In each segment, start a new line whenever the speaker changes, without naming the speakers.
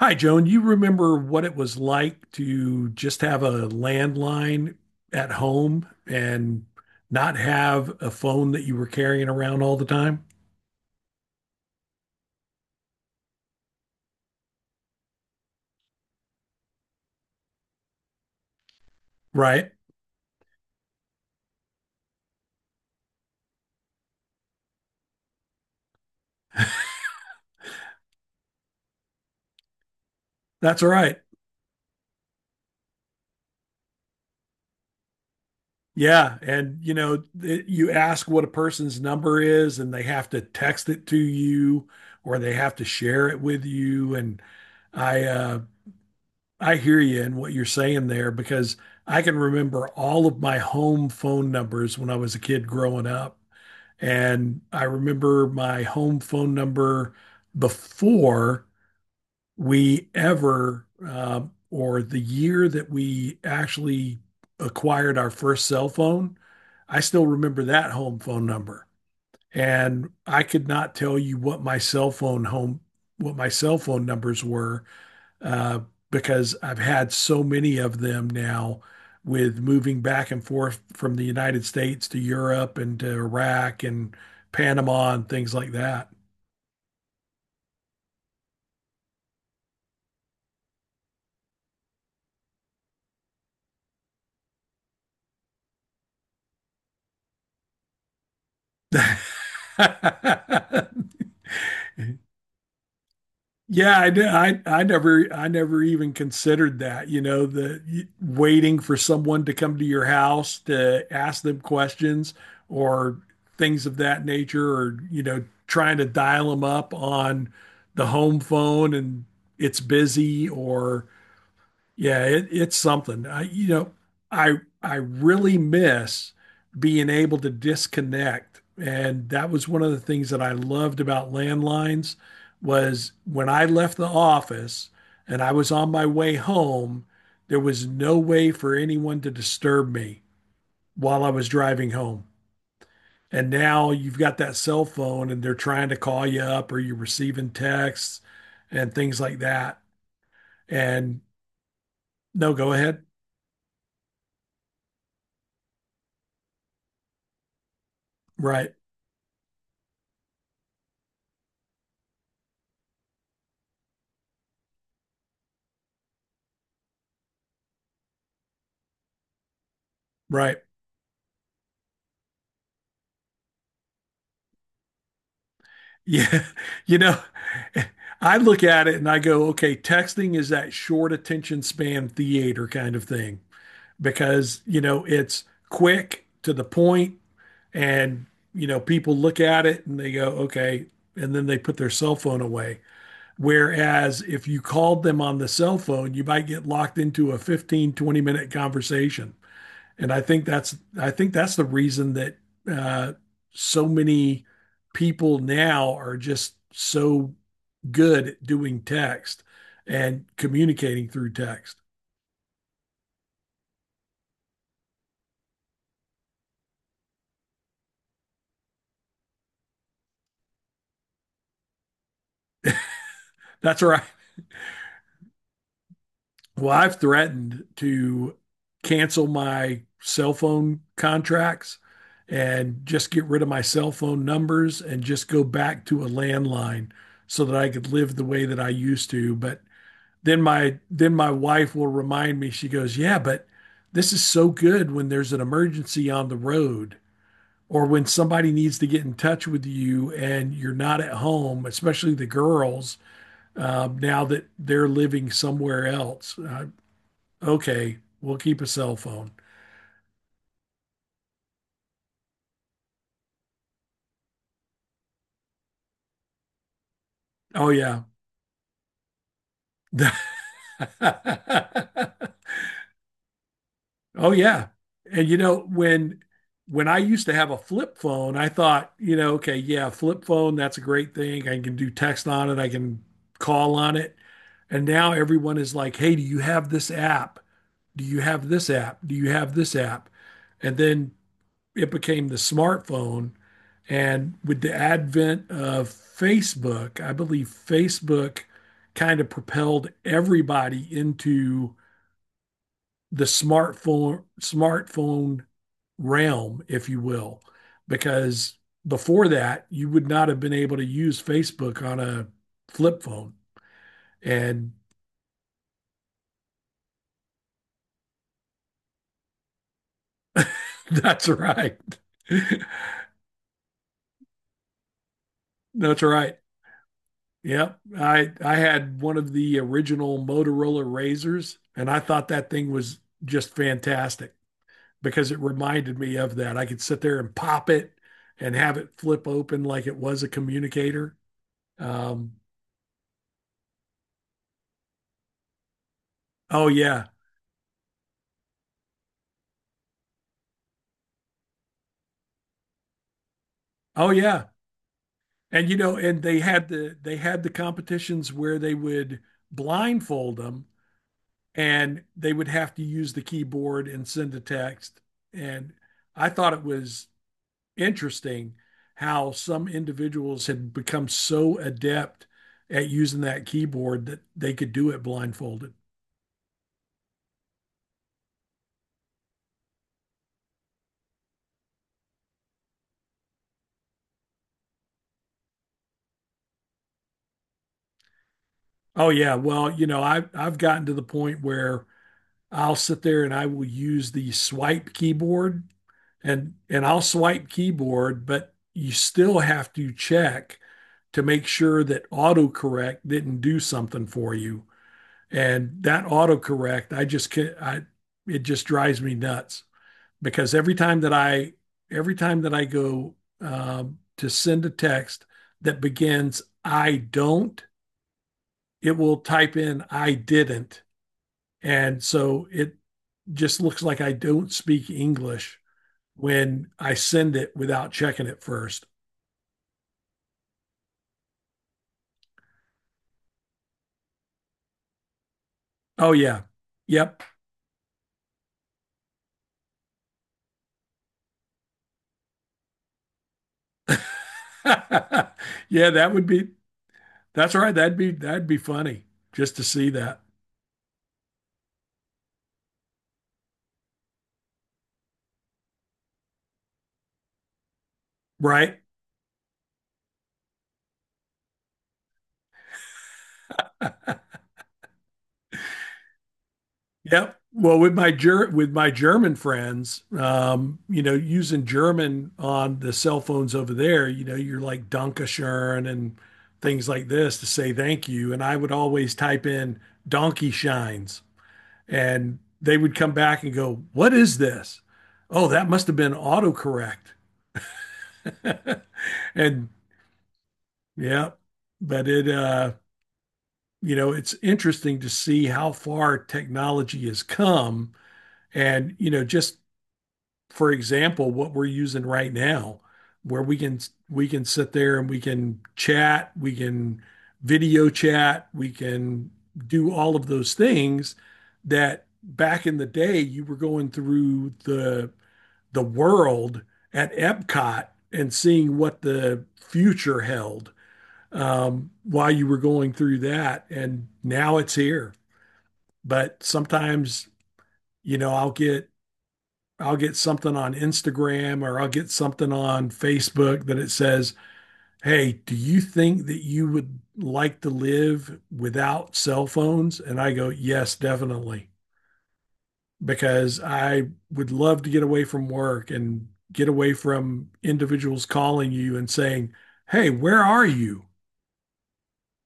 Hi, Joan. You remember what it was like to just have a landline at home and not have a phone that you were carrying around all the time? Right. That's all right. Yeah. And, you know, you ask what a person's number is and they have to text it to you or they have to share it with you. And I, uh, I hear you in what you're saying there because I can remember all of my home phone numbers when I was a kid growing up. And I remember my home phone number before we or the year that we actually acquired our first cell phone, I still remember that home phone number. And I could not tell you what my cell phone home, what my cell phone numbers were uh, because I've had so many of them now with moving back and forth from the United States to Europe and to Iraq and Panama and things like that. Yeah, I did. I never even considered that, you know, waiting for someone to come to your house to ask them questions or things of that nature or, you know, trying to dial them up on the home phone and it's busy or yeah, it's something. I, you know, I I really miss being able to disconnect, and that was one of the things that I loved about landlines was when I left the office and I was on my way home, there was no way for anyone to disturb me while I was driving home. And now you've got that cell phone and they're trying to call you up or you're receiving texts and things like that. And no, go ahead. Right, right. Yeah, you know, I look at it and I go, okay, texting is that short attention span theater kind of thing because, you know, it's quick to the point and, you know, people look at it and they go, okay, and then they put their cell phone away. Whereas if you called them on the cell phone, you might get locked into a 15-20 minute conversation. And I think that's the reason that uh, so many people now are just so good at doing text and communicating through text. That's right. Well, I've threatened to cancel my cell phone contracts and just get rid of my cell phone numbers and just go back to a landline so that I could live the way that I used to. But then my wife will remind me, she goes, yeah, but this is so good when there's an emergency on the road or when somebody needs to get in touch with you and you're not at home, especially the girls, now that they're living somewhere else. Okay, we'll keep a cell phone. Oh yeah. Oh yeah. And you know, when I used to have a flip phone, I thought, you know, okay, yeah, flip phone, that's a great thing. I can do text on it, I can call on it. And now everyone is like, "Hey, do you have this app? Do you have this app? Do you have this app?" And then it became the smartphone, and with the advent of Facebook, I believe Facebook kind of propelled everybody into the smartphone realm, if you will, because before that you would not have been able to use Facebook on a flip phone. And that's right. That's right. Yep. I had one of the original Motorola Razors and I thought that thing was just fantastic because it reminded me of that. I could sit there and pop it and have it flip open like it was a communicator. Um, oh yeah, Oh yeah. And you know, and they had the competitions where they would blindfold them and they would have to use the keyboard and send a text. And I thought it was interesting how some individuals had become so adept at using that keyboard that they could do it blindfolded. Oh yeah, well, you know, I've gotten to the point where I'll sit there and I will use the swipe keyboard and I'll swipe keyboard, but you still have to check to make sure that autocorrect didn't do something for you. And that autocorrect, I just can I it just drives me nuts because every time that I go to send a text that begins I don't, it will type in I didn't. And so it just looks like I don't speak English when I send it without checking it first. Oh yeah. Yep. Yeah, that's all right. That'd be funny just to see that. Right? Yep. Well, with my Ger with my German friends, you know, using German on the cell phones over there, you know, you're like Dankeschön and things like this to say thank you. And I would always type in donkey shines, and they would come back and go, "What is this?" Oh, that must have been autocorrect. and yeah, but it you know, it's interesting to see how far technology has come and you know, just for example, what we're using right now where we can sit there and we can chat, we can video chat, we can do all of those things that back in the day you were going through the world at Epcot and seeing what the future held while you were going through that. And now it's here. But sometimes, you know, I'll get something on Instagram or I'll get something on Facebook that it says, "Hey, do you think that you would like to live without cell phones?" And I go, "Yes, definitely." Because I would love to get away from work and get away from individuals calling you and saying, "Hey, where are you?"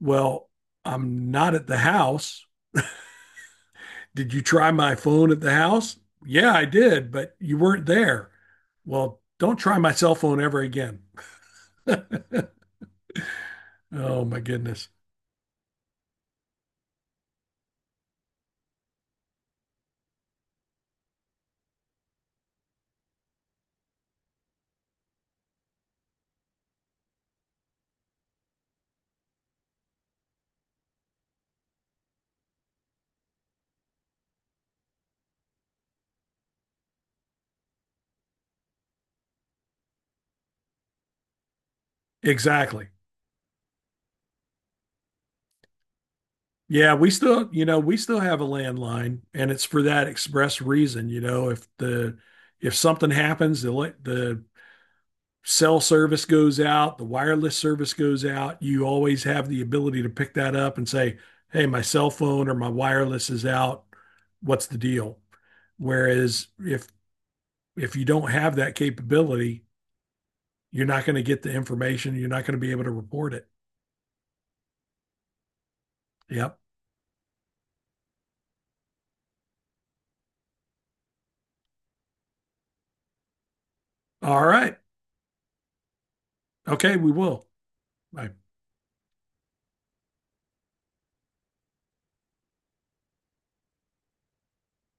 Well, I'm not at the house. Did you try my phone at the house? Yeah, I did, but you weren't there. Well, don't try my cell phone ever again. Oh my goodness. Exactly. Yeah, we still, you know, we still have a landline and it's for that express reason, you know, if something happens, the cell service goes out, the wireless service goes out, you always have the ability to pick that up and say, hey, my cell phone or my wireless is out. What's the deal? Whereas if you don't have that capability, you're not going to get the information. You're not going to be able to report it. Yep. All right. Okay, we will. I